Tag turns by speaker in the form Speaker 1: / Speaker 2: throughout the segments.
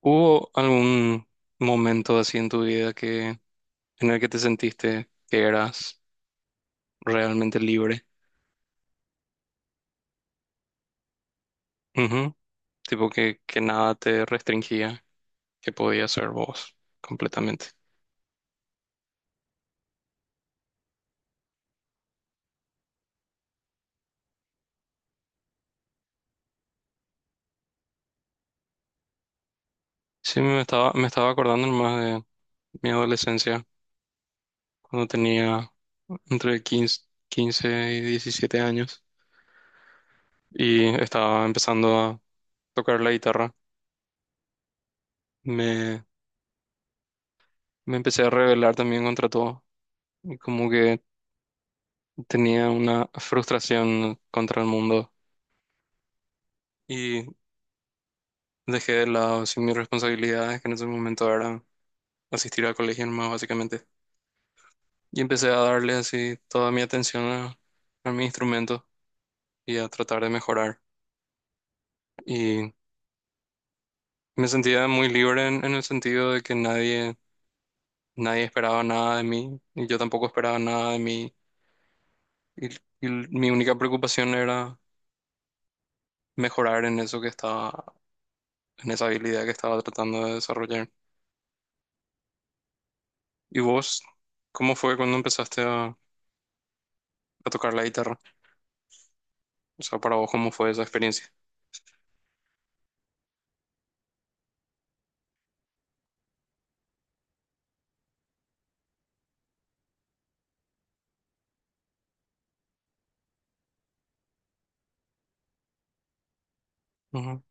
Speaker 1: ¿Hubo algún momento así en tu vida que en el que te sentiste que eras realmente libre? Ujú. Tipo que nada te restringía, que podías ser vos completamente. Sí, me estaba acordando más de mi adolescencia, cuando tenía entre 15 y 17 años y estaba empezando a tocar la guitarra. Me, me empecé a rebelar también contra todo. Y como que tenía una frustración contra el mundo y dejé de lado sin mis responsabilidades, que en ese momento era asistir al colegio nomás, básicamente. Y empecé a darle así toda mi atención a mi instrumento y a tratar de mejorar. Y me sentía muy libre en el sentido de que nadie esperaba nada de mí y yo tampoco esperaba nada de mí. Y, y mi única preocupación era mejorar en eso que estaba, en esa habilidad que estaba tratando de desarrollar. ¿Y vos, cómo fue cuando empezaste a tocar la guitarra? O sea, para vos, ¿cómo fue esa experiencia? Ujú,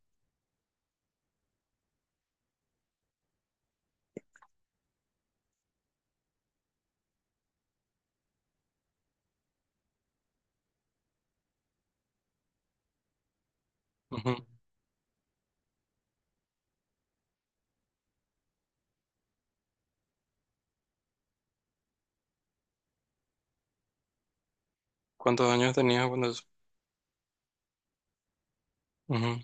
Speaker 1: ujú. ¿Cuántos años tenías cuando eso? Ujú.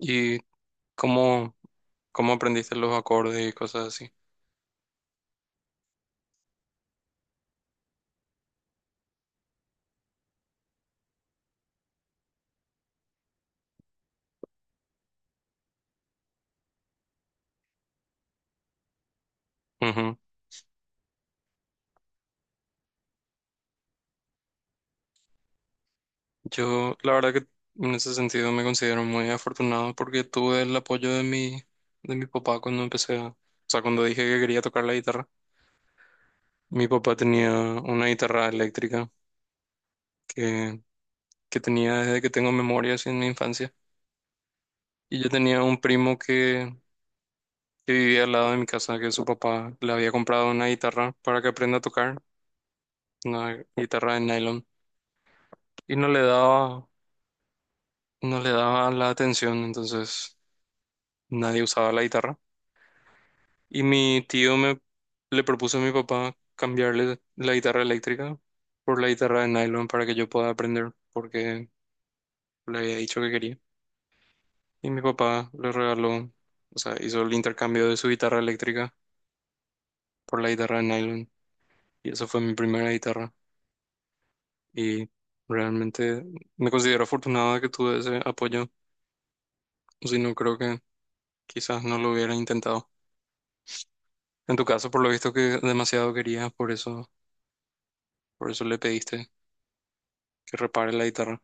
Speaker 1: Y cómo, cómo aprendiste los acordes y cosas así? Ujú. Yo, la verdad que en ese sentido me considero muy afortunado porque tuve el apoyo de de mi papá cuando empecé a... O sea, cuando dije que quería tocar la guitarra, mi papá tenía una guitarra eléctrica que, que tenía desde que tengo memoria, así en mi infancia. Y yo tenía un primo que vivía al lado de mi casa, que su papá le había comprado una guitarra para que aprenda a tocar, una guitarra de nylon, y no le daba la atención, entonces nadie usaba la guitarra. Y mi tío me le propuso a mi papá cambiarle la guitarra eléctrica por la guitarra de nylon para que yo pueda aprender, porque le había dicho que quería. Y mi papá le regaló, o sea, hizo el intercambio de su guitarra eléctrica por la guitarra de nylon, y esa fue mi primera guitarra. Y realmente me considero afortunado de que tuve ese apoyo, o si no creo que quizás no lo hubiera intentado. En tu caso, por lo visto que demasiado querías, por eso le pediste que repare la guitarra.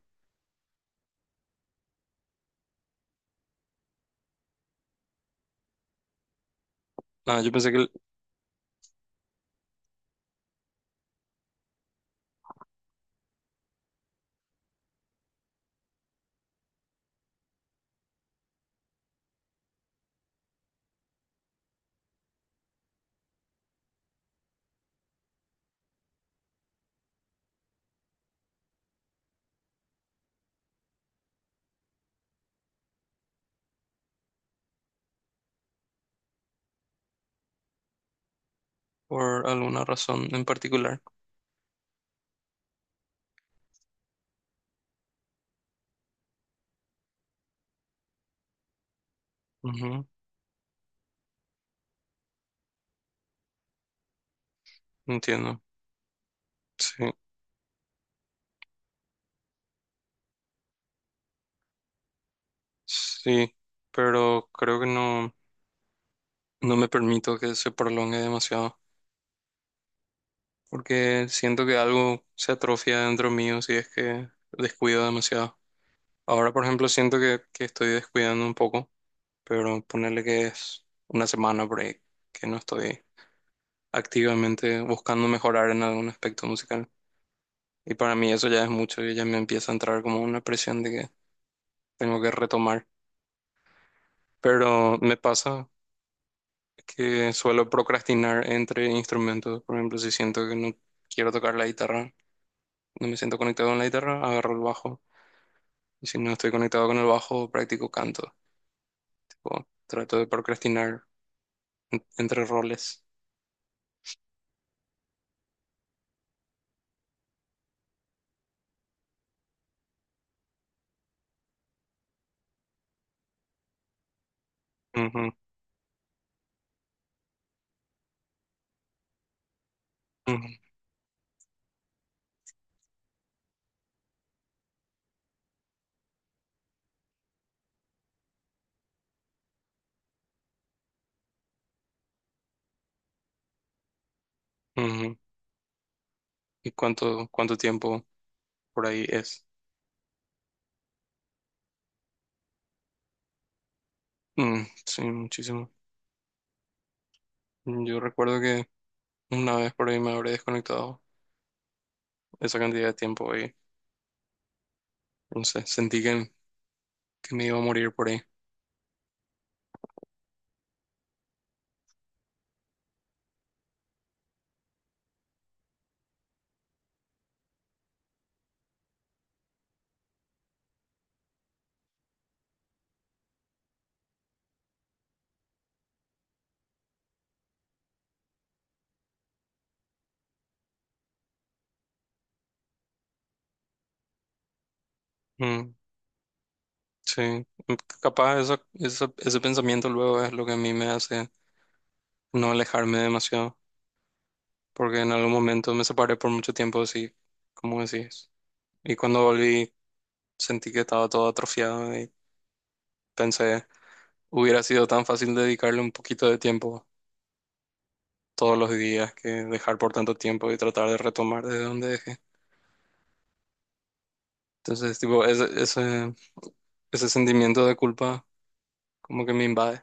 Speaker 1: Ah, yo pensé que por alguna razón en particular. Ujú. Entiendo. Sí, sí, pero creo que no, no me permito que se prolongue demasiado, porque siento que algo se atrofia dentro mío si es que descuido demasiado. Ahora, por ejemplo, siento que estoy descuidando un poco, pero ponerle que es una semana por ahí que no estoy activamente buscando mejorar en algún aspecto musical. Y para mí eso ya es mucho y ya me empieza a entrar como una presión de que tengo que retomar. Pero me pasa que suelo procrastinar entre instrumentos. Por ejemplo, si siento que no quiero tocar la guitarra, no me siento conectado con la guitarra, agarro el bajo. Y si no estoy conectado con el bajo, practico canto. Tipo, trato de procrastinar entre roles. Ujú, ujú, ujú. ¿Y cuánto tiempo por ahí es? Mm, sí, muchísimo. Yo recuerdo que una vez por ahí me habré desconectado esa cantidad de tiempo y no sé, sentí que me iba a morir por ahí. Mm, sí. Mm, capaz ese pensamiento luego es lo que a mí me hace no alejarme demasiado, porque en algún momento me separé por mucho tiempo así, como decís. Y cuando volví sentí que estaba todo atrofiado y pensé... Hubiera sido tan fácil dedicarle un poquito de tiempo todos los días que dejar por tanto tiempo y tratar de retomar desde donde dejé. Entonces, tipo, ese sentimiento de culpa como que me invade.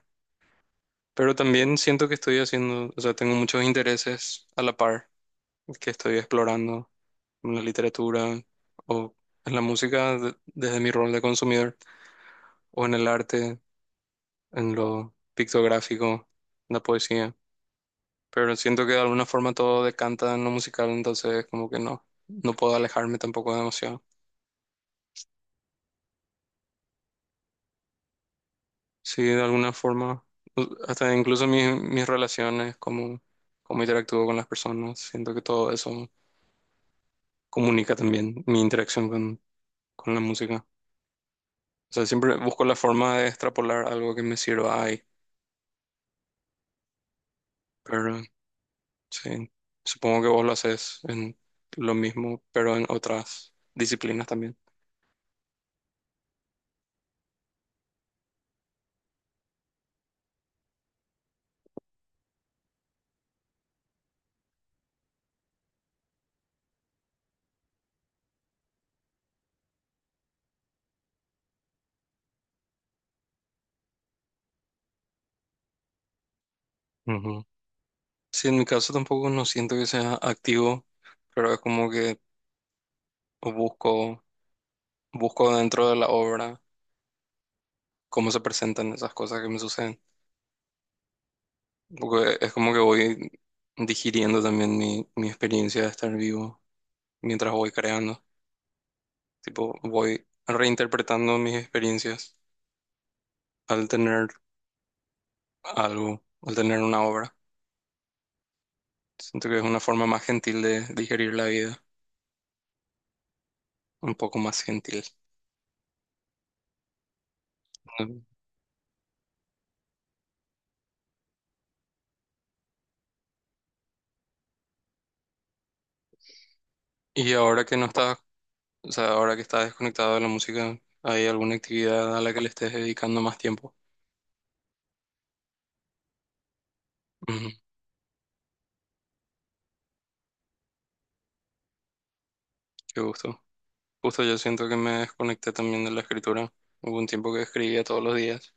Speaker 1: Pero también siento que estoy haciendo, o sea, tengo muchos intereses a la par que estoy explorando en la literatura o en la música desde mi rol de consumidor o en el arte, en lo pictográfico, en la poesía. Pero siento que de alguna forma todo decanta en lo musical, entonces como que no, no puedo alejarme tampoco demasiado. Sí, de alguna forma, hasta incluso mis relaciones, cómo interactúo con las personas, siento que todo eso comunica también mi interacción con la música. O sea, siempre busco la forma de extrapolar algo que me sirva ahí, pero sí, supongo que vos lo haces en lo mismo, pero en otras disciplinas también. Sí, en mi caso tampoco no siento que sea activo, pero es como que busco, busco dentro de la obra cómo se presentan esas cosas que me suceden. Porque es como que voy digiriendo también mi experiencia de estar vivo mientras voy creando. Tipo, voy reinterpretando mis experiencias al tener algo, al tener una obra. Siento que es una forma más gentil de digerir la vida, un poco más gentil. Y ahora que no Bueno, o sea, ahora que estás desconectado de la música, ¿hay alguna actividad a la que le estés dedicando más tiempo? Ujú, qué gusto. Justo yo siento que me desconecté también de la escritura. Hubo un tiempo que escribía todos los días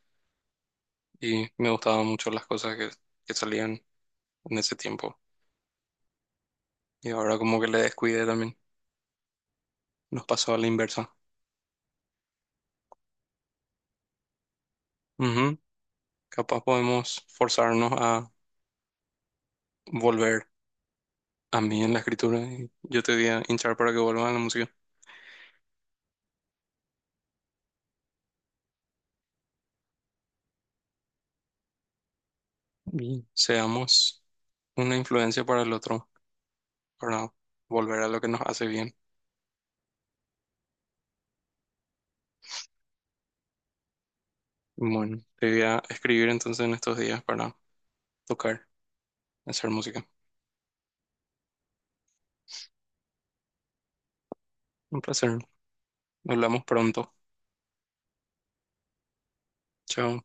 Speaker 1: y me gustaban mucho las cosas que salían en ese tiempo. Y ahora como que le descuidé también. Nos pasó a la inversa. Ujú. Capaz podemos forzarnos a volver a mí en la escritura y yo te voy a hinchar para que vuelvan a la música. Y seamos una influencia para el otro, para volver a lo que nos hace bien. Bueno, te voy a escribir entonces en estos días para tocar, hacer música. Un placer. Hablamos pronto. Chao.